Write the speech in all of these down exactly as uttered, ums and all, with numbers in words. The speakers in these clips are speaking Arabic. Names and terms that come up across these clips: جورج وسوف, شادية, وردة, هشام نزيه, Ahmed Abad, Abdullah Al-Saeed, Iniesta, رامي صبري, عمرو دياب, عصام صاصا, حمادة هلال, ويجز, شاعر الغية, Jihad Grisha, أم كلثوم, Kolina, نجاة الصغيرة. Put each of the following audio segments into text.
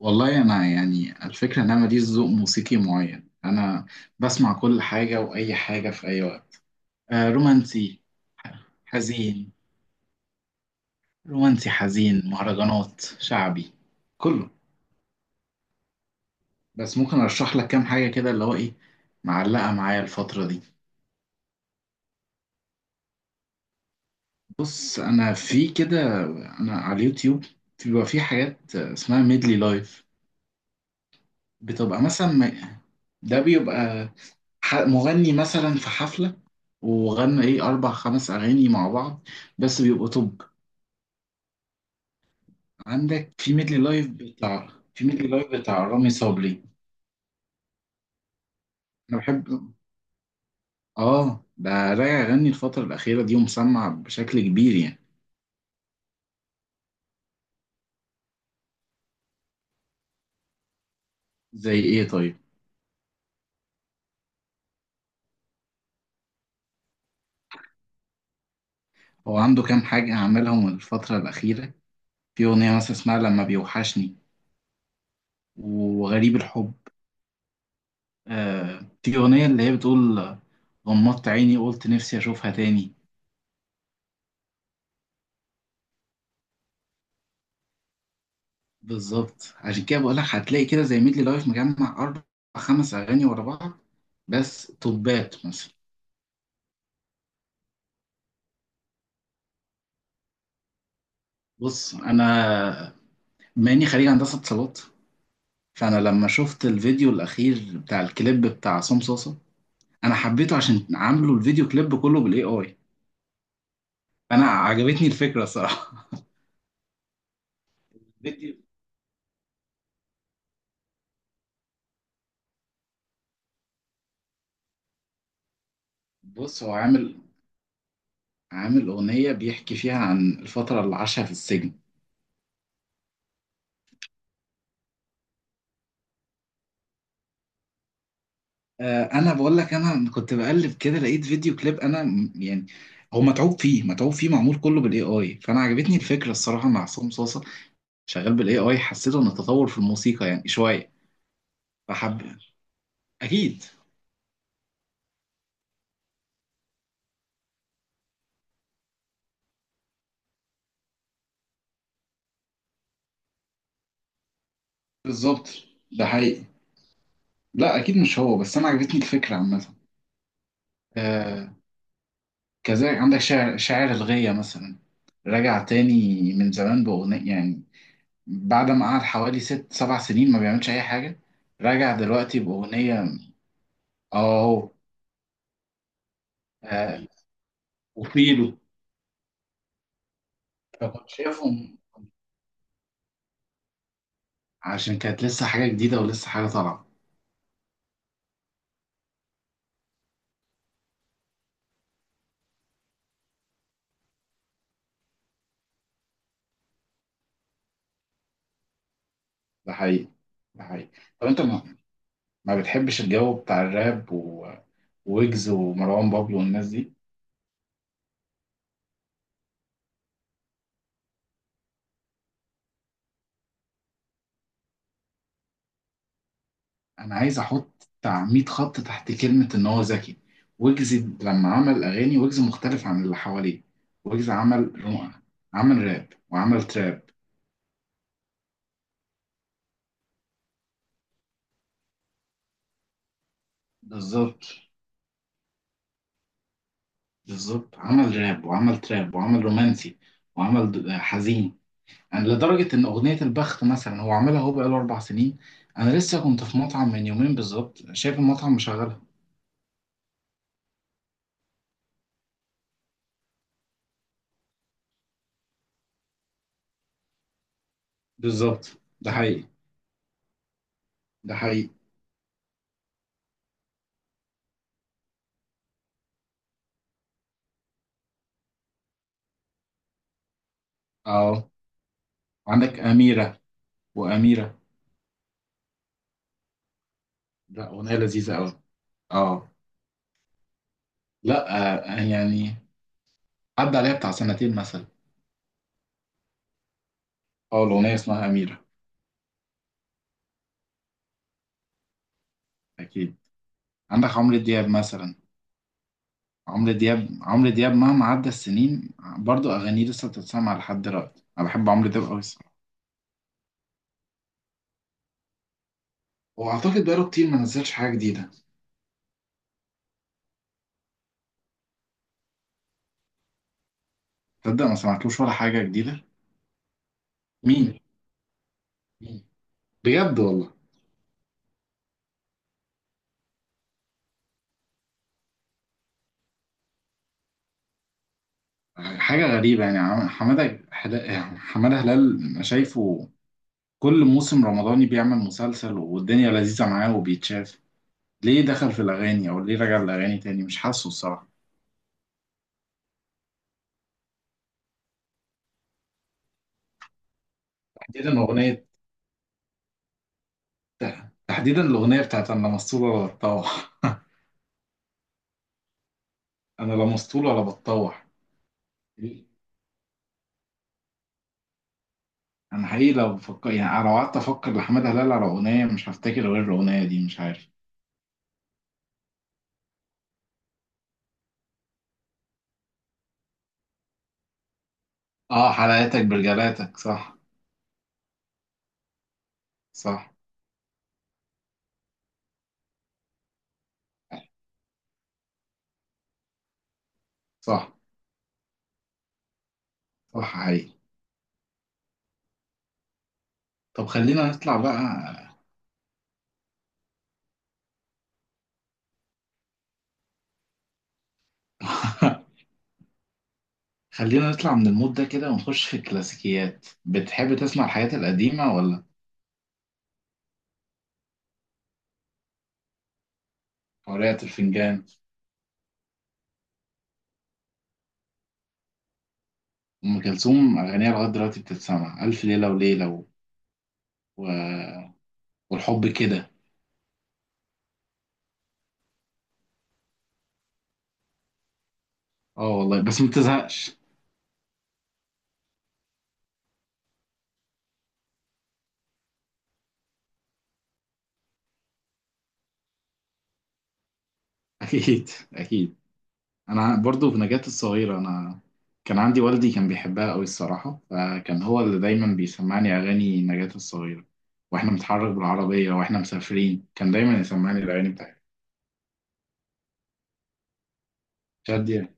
والله انا يعني الفكره ان انا ماليش ذوق موسيقي معين. انا بسمع كل حاجه واي حاجه في اي وقت. آه، رومانسي. حزين. رومانسي، حزين، مهرجانات، شعبي. كله. بس ممكن ارشح لك كام حاجه كده اللي هو ايه معلقه معايا الفتره دي. بص، انا في كده، انا على اليوتيوب بيبقى في حاجات اسمها ميدلي لايف. بتبقى مثلا، م- ده بيبقى ح- مغني مثلا في حفلة وغنى ايه اربع خمس اغاني مع بعض بس بيبقوا توب. عندك في ميدلي لايف بتاع في ميدلي لايف بتاع رامي صبري. انا بحب اه، ده راجع يغني الفترة الأخيرة دي ومسمع بشكل كبير يعني. زي ايه طيب؟ هو عنده كام حاجة عملهم الفترة الأخيرة، في أغنية مثلا اسمها لما بيوحشني، وغريب الحب. آه، في أغنية اللي هي بتقول غمضت عيني قلت نفسي أشوفها تاني. بالظبط، عشان كده بقول لك هتلاقي كده زي ميدلي لايف مجمع اربع خمس اغاني ورا بعض بس توبات مثلا. بص، انا ماني خريج هندسه اتصالات، فانا لما شفت الفيديو الاخير بتاع الكليب بتاع عصام صاصا انا حبيته عشان عامله الفيديو كليب كله بالاي اي، انا عجبتني الفكره الصراحه. الفيديو بص، هو عامل عامل اغنيه بيحكي فيها عن الفتره اللي عاشها في السجن. آه، انا بقول لك انا كنت بقلب كده لقيت فيديو كليب انا م- يعني هو متعوب فيه متعوب فيه معمول كله بالاي اي، فانا عجبتني الفكره الصراحه مع عصام صاصه شغال بالاي اي، حسيته ان التطور في الموسيقى يعني شويه. فحب اكيد. بالظبط، ده حقيقي. لا اكيد مش هو بس، انا عجبتني الفكره عامه. آه. كذلك عندك شاعر شاعر الغية مثلا، رجع تاني من زمان باغنيه يعني، بعد ما قعد حوالي ست سبع سنين ما بيعملش اي حاجه، رجع دلوقتي باغنيه. اه. اهو. آه، وفيلو. فكنت شايفهم عشان كانت لسه حاجة جديدة ولسه حاجة طالعة. ده حقيقي، ده حقيقي. طب انت ما, ما بتحبش الجو بتاع الراب، و- وويجز ومروان بابلو والناس دي. انا عايز احط بتاع مية خط تحت كلمة ان هو ذكي. ويجز لما عمل اغاني ويجز مختلف عن اللي حواليه. ويجز عمل رو- عمل راب وعمل تراب. بالظبط، بالظبط، عمل راب وعمل تراب وعمل رومانسي، وعمل د- حزين يعني، لدرجة إن أغنية البخت مثلا هو عاملها، هو بقاله أربع سنين. أنا لسه كنت في مطعم من يومين بالظبط شايف المطعم مشغلها. بالظبط، ده حقيقي، ده حقيقي. أه. عندك أميرة. وأميرة، لا، أغنية لذيذة أوي. أه. لا، آه، يعني عدى عليها بتاع سنتين مثلا. أه، الأغنية اسمها أميرة. أكيد. عندك عمرو دياب مثلا. عمرو دياب عمرو دياب مهما عدى السنين برضو أغانيه لسه بتتسمع لحد دلوقتي، أنا بحب عمرو دياب أوي الصراحة. وأعتقد بقاله كتير ما نزلش حاجة جديدة. تصدق، ما سمعتلوش ولا حاجة جديدة. مين؟ مين؟ بجد والله. حاجة غريبة يعني، عم- حمادة حلا- حمادة هلال أنا شايفه كل موسم رمضاني بيعمل مسلسل والدنيا لذيذة معاه وبيتشاف، ليه دخل في الأغاني أو ليه رجع الأغاني تاني؟ مش حاسه الصراحة. تحديدا أغنية تحديدا الأغنية بتاعت أنا لا مسطول ولا بتطوح. أنا لا مسطول ولا بتطوح. أنا حقيقي لو بفكر يعني، لو قعدت أفكر لحمادة هلال على أغنية مش هفتكر غير الأغنية دي، مش عارف. آه، حلقاتك برجلاتك، صح. صح. صح. صح، حقيقي. طب خلينا نطلع بقى. خلينا نطلع من المود ده كده ونخش في الكلاسيكيات. بتحب تسمع الحاجات القديمة ولا؟ قارئة الفنجان. أم كلثوم أغانيها لغاية دلوقتي بتتسمع، ألف ليلة وليلة، و... و... والحب كده. اه والله، بس ما بتزهقش. أكيد، أكيد. انا برضو في نجاة الصغيرة. انا كان عندي والدي كان بيحبها قوي الصراحة، فكان هو اللي دايما بيسمعني اغاني نجاة الصغيرة واحنا بنتحرك بالعربية، واحنا مسافرين كان دايما يسمعني الاغاني بتاعتها. شادية.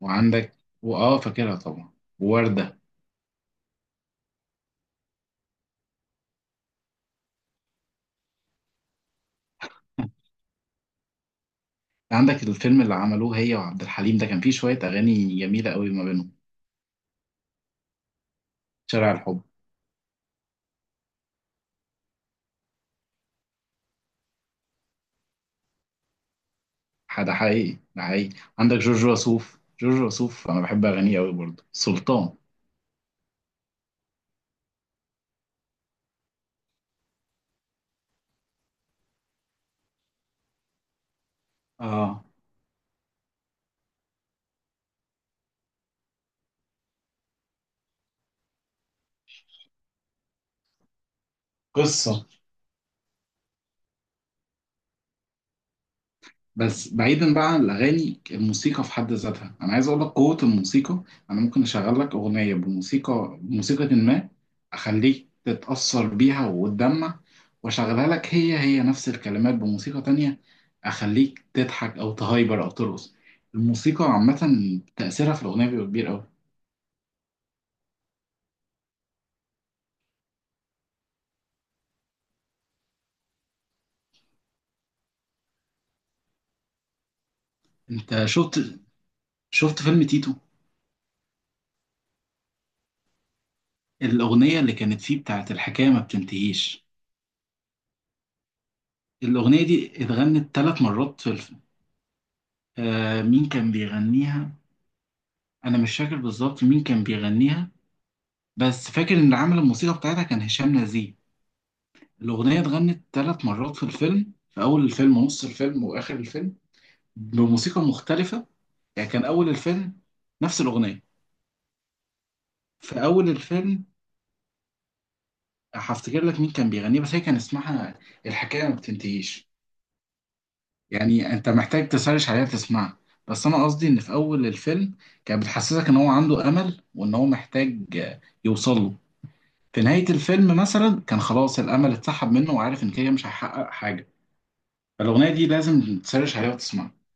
وعندك، واه فاكرها طبعا، ووردة. عندك الفيلم اللي عملوه هي وعبد الحليم ده كان فيه شوية اغاني جميلة قوي ما بينهم. شارع الحب. ده حقيقي، ده حقيقي. عندك جورج وسوف. جورج وسوف انا بحب اغانيه قوي برضه، سلطان. اه. قصة. بس بعيدا بقى عن الاغاني، الموسيقى في حد ذاتها، انا عايز اقول لك قوه الموسيقى. انا ممكن اشغل لك اغنيه بموسيقى بموسيقى ما، اخليك تتاثر بيها وتدمع، واشغلها لك هي هي نفس الكلمات بموسيقى تانية، اخليك تضحك او تهايبر او ترقص. الموسيقى عامه تاثيرها في الاغنيه بيبقى كبير قوي. انت شفت شفت فيلم تيتو؟ الاغنيه اللي كانت فيه بتاعت الحكايه ما بتنتهيش، الاغنيه دي اتغنت ثلاث مرات في الفيلم. آه، مين كان بيغنيها؟ انا مش فاكر بالظبط مين كان بيغنيها، بس فاكر ان عامل الموسيقى بتاعتها كان هشام نزيه. الاغنيه اتغنت ثلاث مرات في الفيلم، في اول الفيلم ونص الفيلم واخر الفيلم بموسيقى مختلفه. يعني كان اول الفيلم نفس الاغنيه، في اول الفيلم هفتكر لك مين كان بيغنيها، بس هي كان اسمها الحكايه ما بتنتهيش. يعني انت محتاج تسرش عليها تسمعها. بس انا قصدي ان في اول الفيلم كانت بتحسسك ان هو عنده امل وان هو محتاج يوصل له. في نهاية الفيلم مثلا كان خلاص الأمل اتسحب منه وعارف إن كده مش هيحقق حاجة. فالأغنية دي لازم تسرش عليها وتسمعها.